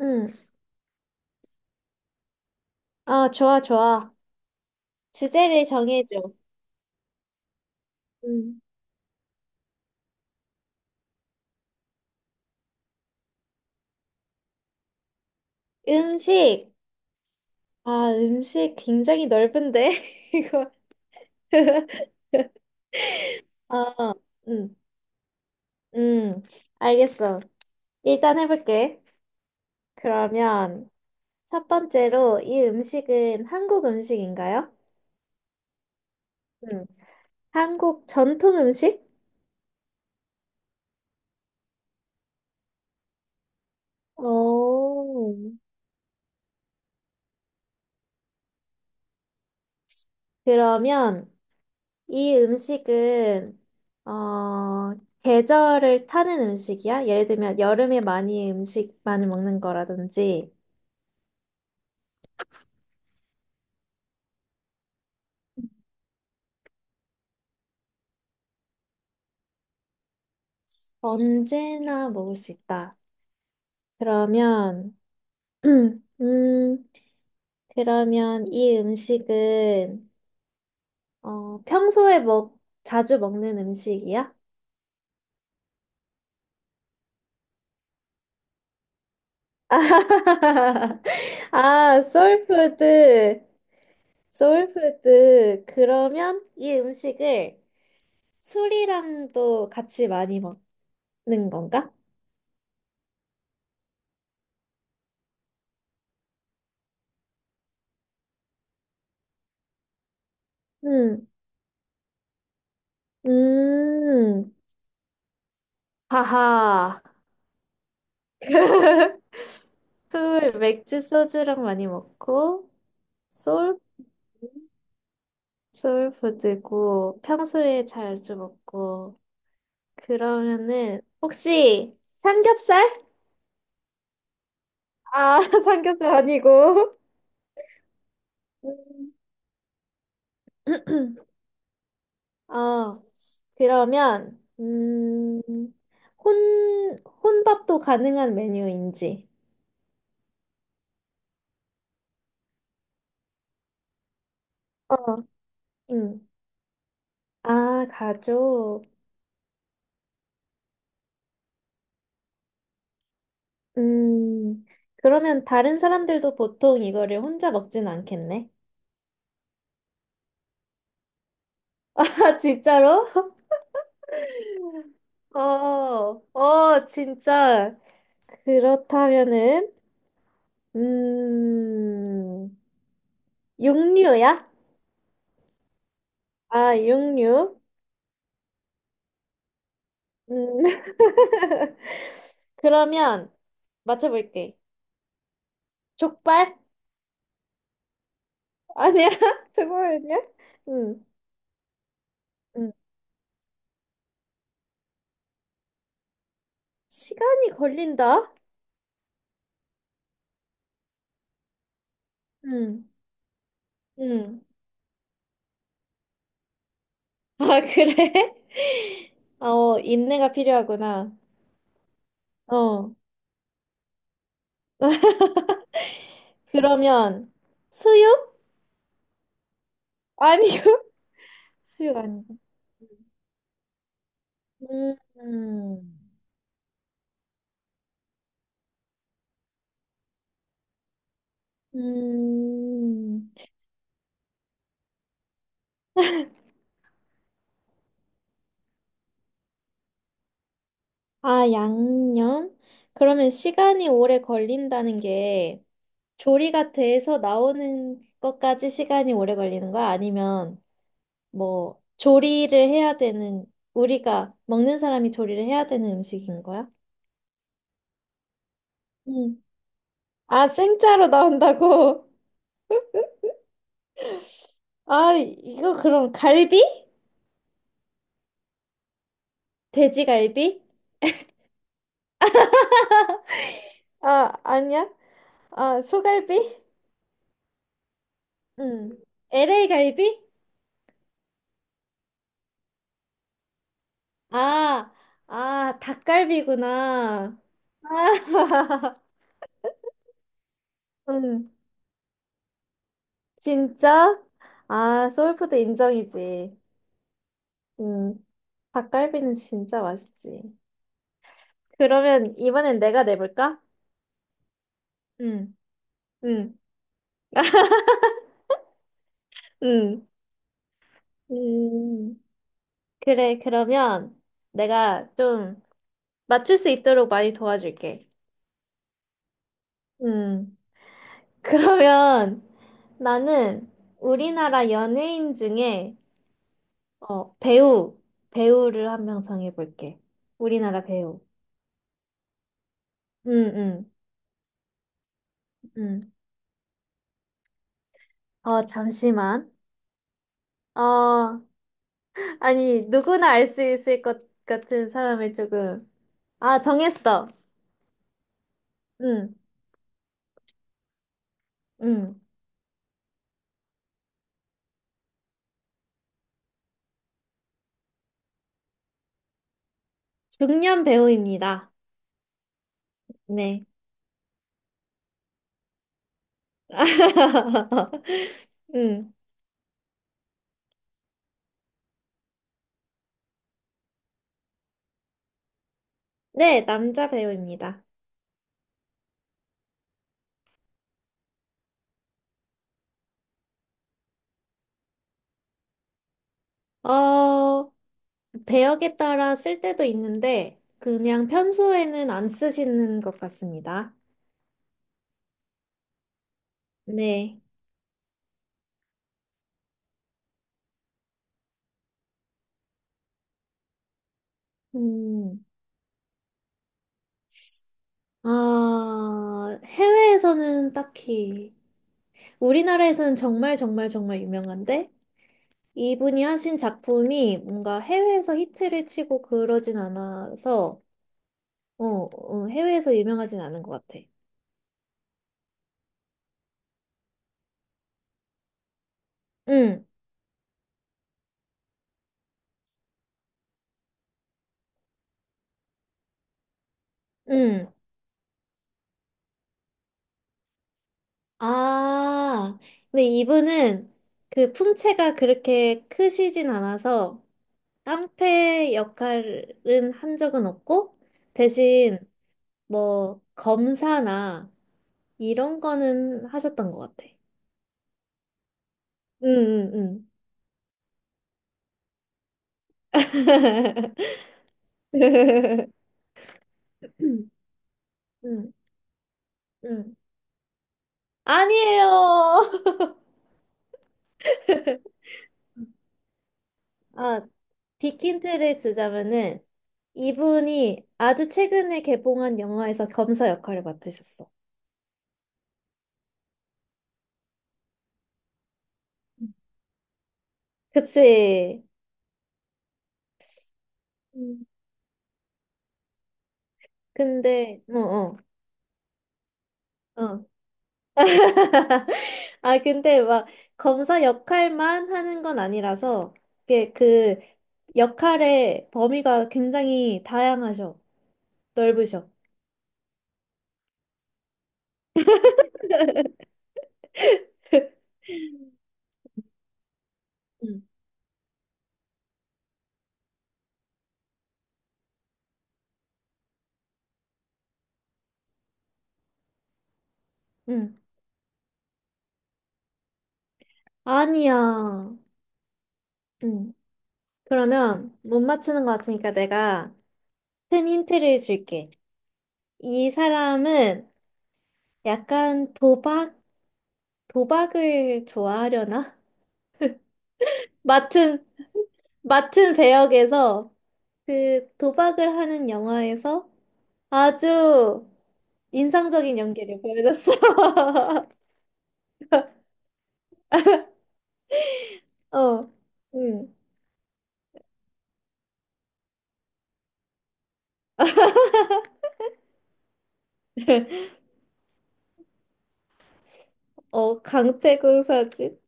응. 아, 좋아, 좋아. 주제를 정해줘. 응. 음식. 아, 음식 굉장히 넓은데, 이거. 어, 응. 응. 알겠어. 일단 해볼게. 그러면 첫 번째로 이 음식은 한국 음식인가요? 응. 한국 전통 음식? 오. 그러면 이 음식은 어, 계절을 타는 음식이야? 예를 들면 여름에 많이 음식 많이 먹는 거라든지. 언제나 먹을 수 있다. 그러면 음, 그러면 이 음식은 어, 평소에 먹 자주 먹는 음식이야? 아, 소울푸드. 소울푸드. 그러면 이 음식을 술이랑도 같이 많이 먹어? 는 건가? 음, 음, 하하. 술, 맥주, 소주랑 많이 먹고, 소울, 소울푸드고, 평소에 자주 먹고, 그러면은, 혹시, 삼겹살? 아, 삼겹살 아니고. 음. 어, 그러면, 혼밥도 가능한 메뉴인지. 어, 응. 아, 가족. 음, 그러면 다른 사람들도 보통 이거를 혼자 먹진 않겠네? 아, 진짜로? 어, 어, 진짜. 그렇다면은, 음, 육류야? 아, 육류. 음, 그러면 맞춰볼게. 족발? 아니야? 족발 아니야? 음, 음. 시간이 걸린다? 음, 음. 아, 그래? 어, 인내가 필요하구나. 어. 그러면 수육? 아니요. 수육 아니고. 음, 음, 음. 아, 양념? 그러면 시간이 오래 걸린다는 게 조리가 돼서 나오는 것까지 시간이 오래 걸리는 거야? 아니면 뭐 조리를 해야 되는. 우리가 먹는 사람이 조리를 해야 되는 음식인 거야? 음. 아, 생짜로 나온다고? 아, 이거 그럼 갈비? 돼지갈비? 아, 아니야? 아, 소갈비? 응. LA 갈비? 아, 아, 닭갈비구나. 아, 응. 진짜? 아, 소울푸드 인정이지. 응. 닭갈비는 진짜 맛있지. 그러면 이번엔 내가 내볼까? 응. 응. 응. 음, 그래, 그러면 내가 좀 맞출 수 있도록 많이 도와줄게. 음, 그러면 나는 우리나라 연예인 중에 어, 배우, 배우를 한 명 정해볼게. 우리나라 배우. 응, 응, 응. 어, 잠시만. 어, 아니, 누구나 알 수 있을 것 같은 사람을 조금. 아, 정했어. 응, 응. 중년 배우입니다. 네. 응. 네, 남자 배우입니다. 어, 배역에 따라 쓸 때도 있는데, 그냥 평소에는 안 쓰시는 것 같습니다. 네. 음, 아, 해외에서는 딱히, 우리나라에서는 정말 정말 정말 유명한데, 이분이 하신 작품이 뭔가 해외에서 히트를 치고 그러진 않아서, 어, 어, 해외에서 유명하진 않은 것 같아. 응, 응. 아, 근데 이분은 그 품체가 그렇게 크시진 않아서, 깡패 역할은 한 적은 없고, 대신 뭐 검사나 이런 거는 하셨던 것 같아. 응, 응, 응. 응, 응. 아니에요. 아, 빅힌트를 주자면은 이분이 아주 최근에 개봉한 영화에서 검사 역할을 맡으셨어. 그치? 음. 근데, 어, 어, 어. 아, 근데 막 검사 역할만 하는 건 아니라서, 이게 그 역할의 범위가 굉장히 다양하셔. 넓으셔. 응, 응. 아니야. 응. 그러면 못 맞추는 것 같으니까 내가 큰 힌트를 줄게. 이 사람은 약간 도박, 도박을 좋아하려나? 맡은, 맡은 배역에서 그 도박을 하는 영화에서 아주 인상적인 연기를 보여줬어. 어, 응. 어, 강태국 사진.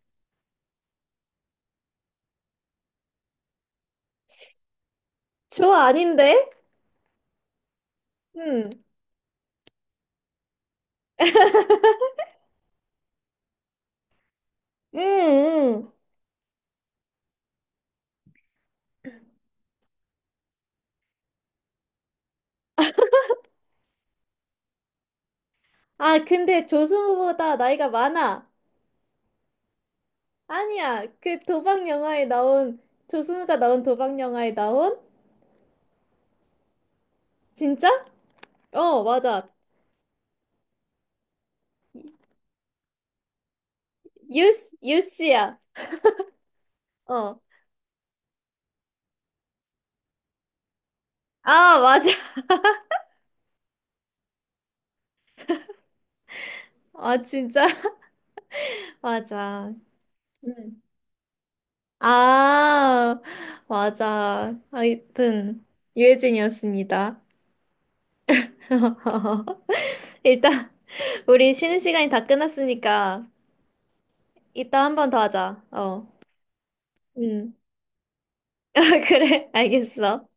조 아닌데? 응, 응, 응. 아, 근데 조승우보다 나이가 많아. 아니야, 그 도박 영화에 나온, 조승우가 나온 도박 영화에 나온? 진짜? 어, 맞아. 유, 유씨야. 어. 아, 맞아. 아, 진짜? 맞아. 응. 아, 맞아. 하여튼, 유해진이었습니다. 일단 우리 쉬는 시간이 다 끝났으니까 이따 한번 더 하자. 어. 음. 그래, 알겠어.